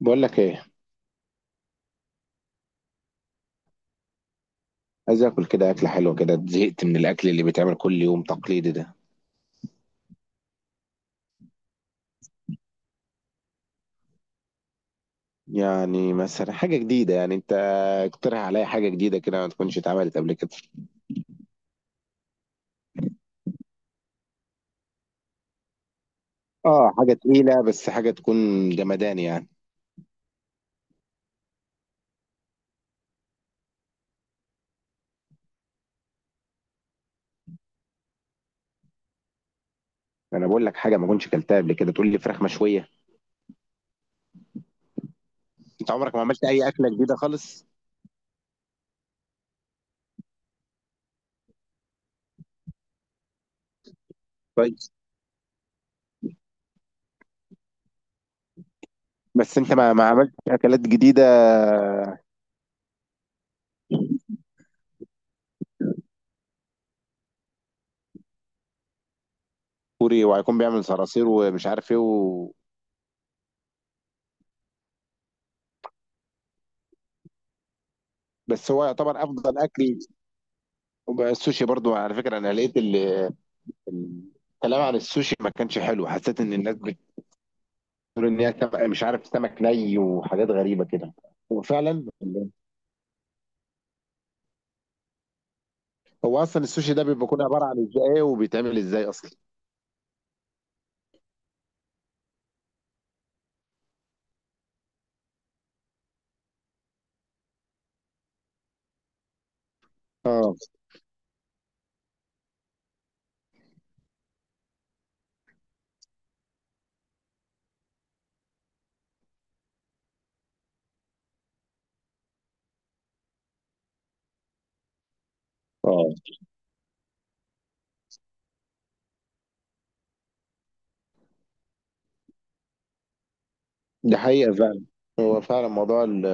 بقول لك ايه؟ عايز اكل كده، اكله حلوه كده، زهقت من الاكل اللي بيتعمل كل يوم تقليدي ده. يعني مثلا حاجه جديده، يعني انت اقترح عليا حاجه جديده كده ما تكونش اتعملت قبل كده. اه، حاجه تقيله بس حاجه تكون جمدان يعني. انا بقول لك حاجه ما كنتش اكلتها قبل كده، تقول لي فراخ مشويه؟ انت عمرك ما عملت اي اكله جديده خالص؟ كويس. بس انت ما عملتش اكلات جديده. كوري، وهيكون بيعمل صراصير ومش عارف ايه و. بس هو يعتبر افضل اكل. وبقى السوشي برضو على فكره، انا لقيت الكلام عن السوشي ما كانش حلو، حسيت ان الناس بتقول ان هي سمك مش عارف، سمك ني وحاجات غريبه كده. وفعلا. هو اصلا السوشي ده بيبقى كله عباره عن ايه؟ وبيتعمل ازاي اصلا؟ اه، اه، دي حقيقه فعلا. هو فعلا موضوع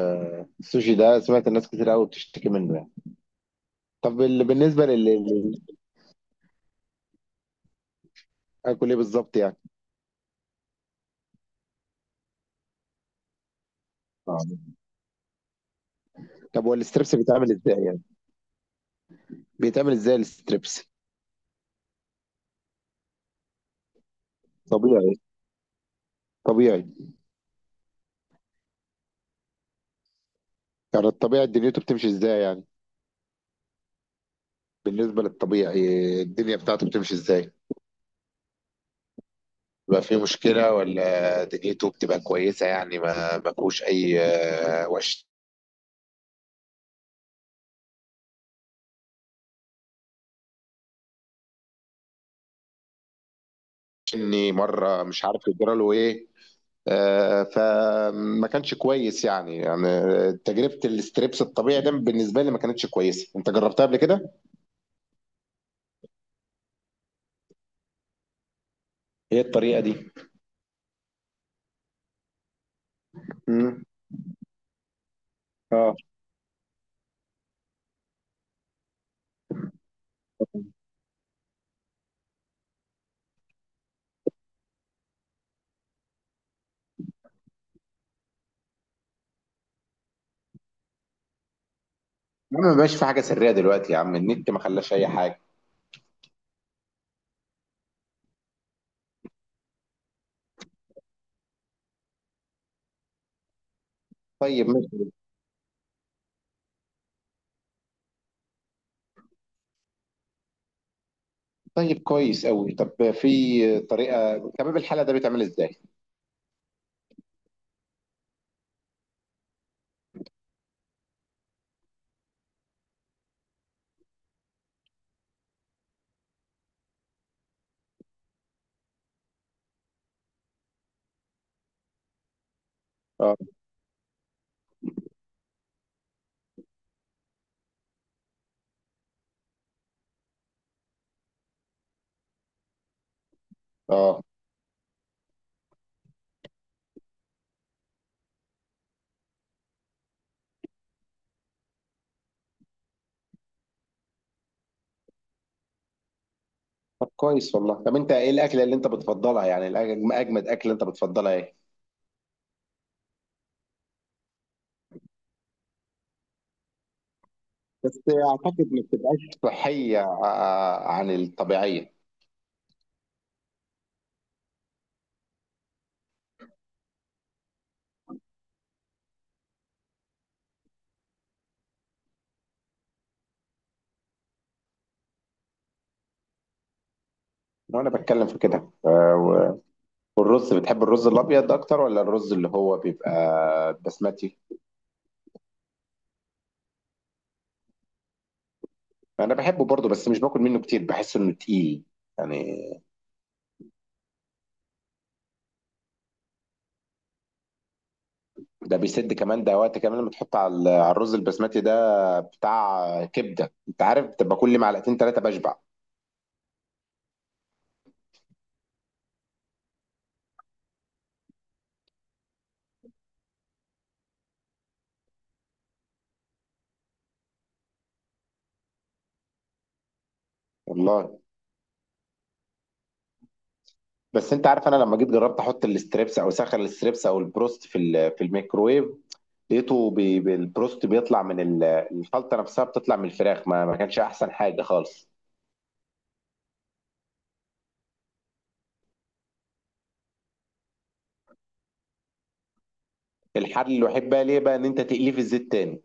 السوشي ده، سمعت الناس كتير قوي بتشتكي منه يعني. طب، بالنسبه اكل ايه بالظبط يعني؟ آه. طب هو الستريبس بيتعمل ازاي يعني؟ بيتعمل ازاي الستريبس؟ طبيعي. طبيعي. يعني الطبيعي دنيته بتمشي ازاي يعني؟ بالنسبة للطبيعي، الدنيا بتاعته بتمشي ازاي؟ بيبقى فيه مشكلة ولا دنيته بتبقى كويسة؟ يعني ما فيهوش أي. وشني مرة مش عارف يجرى له إيه. فما كانش كويس يعني. تجربة الاستريبس الطبيعي ده بالنسبة لي ما كانتش كويسة. أنت جربتها قبل كده؟ هي الطريقة دي؟ امم. اه. يا عم، ما بقاش في حاجة سرية دلوقتي. يا عم، النت ما خلاش أي حاجة. طيب، ماشي. طيب، كويس قوي. طب في طريقة تمام، الحالة ده بيتعمل ازاي؟ اه. اه. طب كويس والله. طب انت ايه الاكله اللي انت بتفضلها يعني اجمد اكله انت بتفضلها ايه؟ بس اعتقد ما بتبقاش صحيه عن الطبيعيه. لو انا بتكلم في كده، والرز بتحب الرز الابيض اكتر ولا الرز اللي هو بيبقى بسمتي؟ انا بحبه برضه بس مش باكل منه كتير، بحس انه تقيل يعني. ده بيسد كمان، ده وقت كمان لما تحط على على الرز البسمتي ده بتاع كبده، انت عارف، بتبقى كل معلقتين ثلاثه بشبع. والله. بس انت عارف، انا لما جيت جربت احط الستريبس او سخن الستريبس او البروست في في الميكروويف. لقيته البروست بيطلع من الخلطه نفسها بتطلع من الفراخ، ما كانش احسن حاجه خالص. الحل الوحيد بقى ليه بقى ان انت تقليه في الزيت تاني.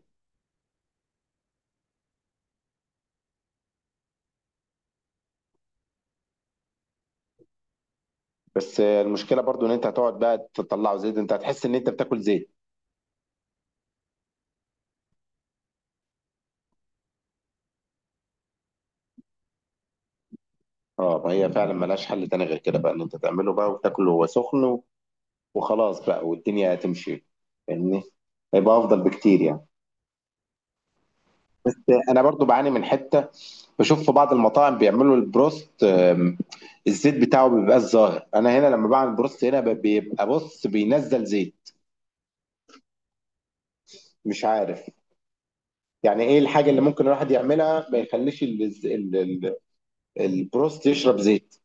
بس المشكله برضو ان انت هتقعد بقى تطلعه زيت، انت هتحس ان انت بتاكل زيت. اه، ما هي فعلا ملهاش حل تاني غير كده بقى ان انت تعمله بقى وتاكله وهو سخن وخلاص بقى والدنيا هتمشي. فاهمني؟ هيبقى افضل بكتير يعني. انا برضو بعاني من حته، بشوف في بعض المطاعم بيعملوا البروست الزيت بتاعه ما بيبقاش ظاهر، انا هنا لما بعمل بروست هنا بيبقى بص بينزل زيت. مش عارف. يعني ايه الحاجه اللي ممكن الواحد يعملها ما يخليش البروست يشرب زيت؟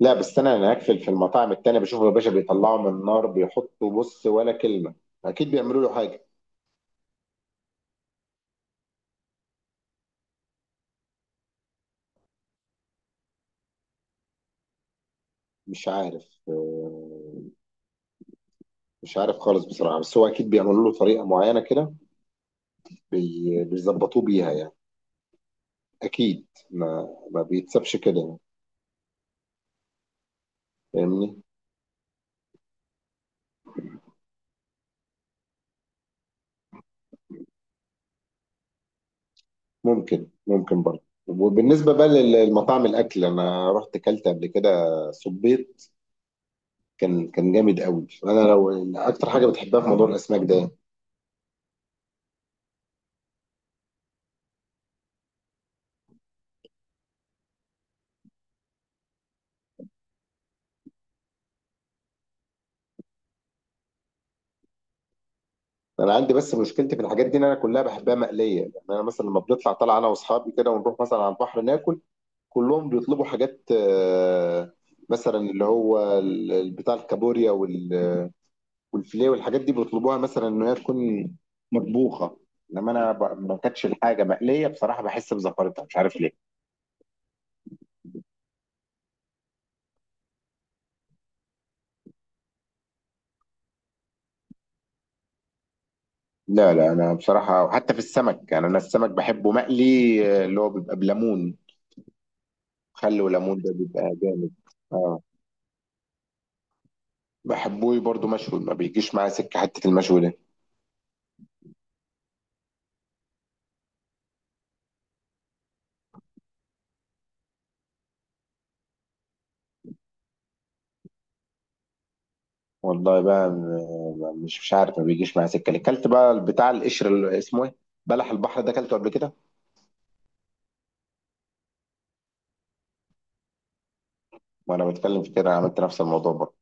لا بس انا هناك في المطاعم التانية بشوفه، يا باشا بيطلعوا من النار بيحطوا، بص ولا كلمه. اكيد بيعملوا له حاجه. مش عارف مش عارف خالص بصراحه، بس هو اكيد بيعملوا له طريقه معينه كده. بيظبطوه بيها يعني. اكيد ما بيتسابش كده يعني. فاهمني؟ ممكن برضه. وبالنسبه بقى للمطاعم، الاكل انا رحت اكلت قبل كده. صبيت. كان جامد قوي. انا لو. اكتر حاجه بتحبها في موضوع الاسماك ده؟ انا عندي بس مشكلتي في الحاجات دي ان انا كلها بحبها مقليه، يعني انا مثلا لما بنطلع طالع انا واصحابي كده ونروح مثلا على البحر ناكل. كلهم بيطلبوا حاجات مثلا اللي هو بتاع الكابوريا والفيليه والحاجات دي بيطلبوها مثلا ان هي تكون مطبوخه. انما انا ما كانتش الحاجه مقليه بصراحه، بحس بزفرتها مش عارف ليه. لا، لا، انا بصراحه، وحتى في السمك يعني انا السمك بحبه مقلي. اللي هو بيبقى بليمون. خل وليمون، ده بيبقى جامد. اه. بحبه برضو مشوي، ما بيجيش معايا سكه حته المشوي ده. والله بقى مش عارف ما بيجيش معايا سكه ليه. كلت بقى بتاع القشر اللي اسمه ايه؟ بلح البحر ده، كلته قبل كده. وانا بتكلم في كده، عملت نفس الموضوع برضه.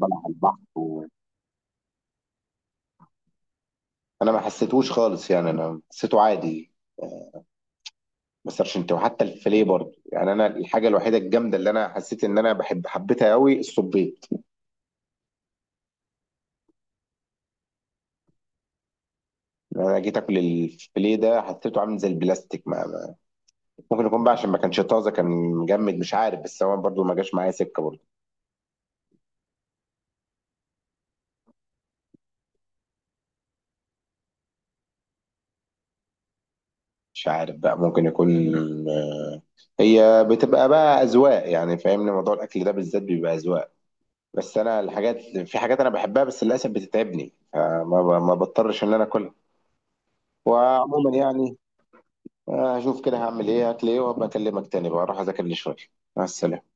بلح البحر انا ما حسيتهوش خالص، يعني انا حسيته عادي. ما سرشنت. وحتى الفيليه برضه، يعني انا الحاجه الوحيده الجامده اللي انا حسيت ان انا بحب حبيتها قوي الصبيط. يعني انا جيت اكل الفيليه ده، حسيته عامل زي البلاستيك ممكن يكون بقى عشان ما كانش طازه، كان مجمد، مش عارف، بس هو برضه ما جاش معايا سكه برضه. مش عارف بقى، ممكن يكون. هي بتبقى بقى اذواق يعني، فاهمني، موضوع الاكل ده بالذات بيبقى اذواق. بس انا الحاجات، في حاجات انا بحبها بس للاسف بتتعبني فما ما بضطرش ان انا اكلها. وعموما يعني. هشوف كده هعمل ايه هتلاقيه، وابقى اكلمك تاني بقى، اروح اذاكر لي شويه. مع السلامه.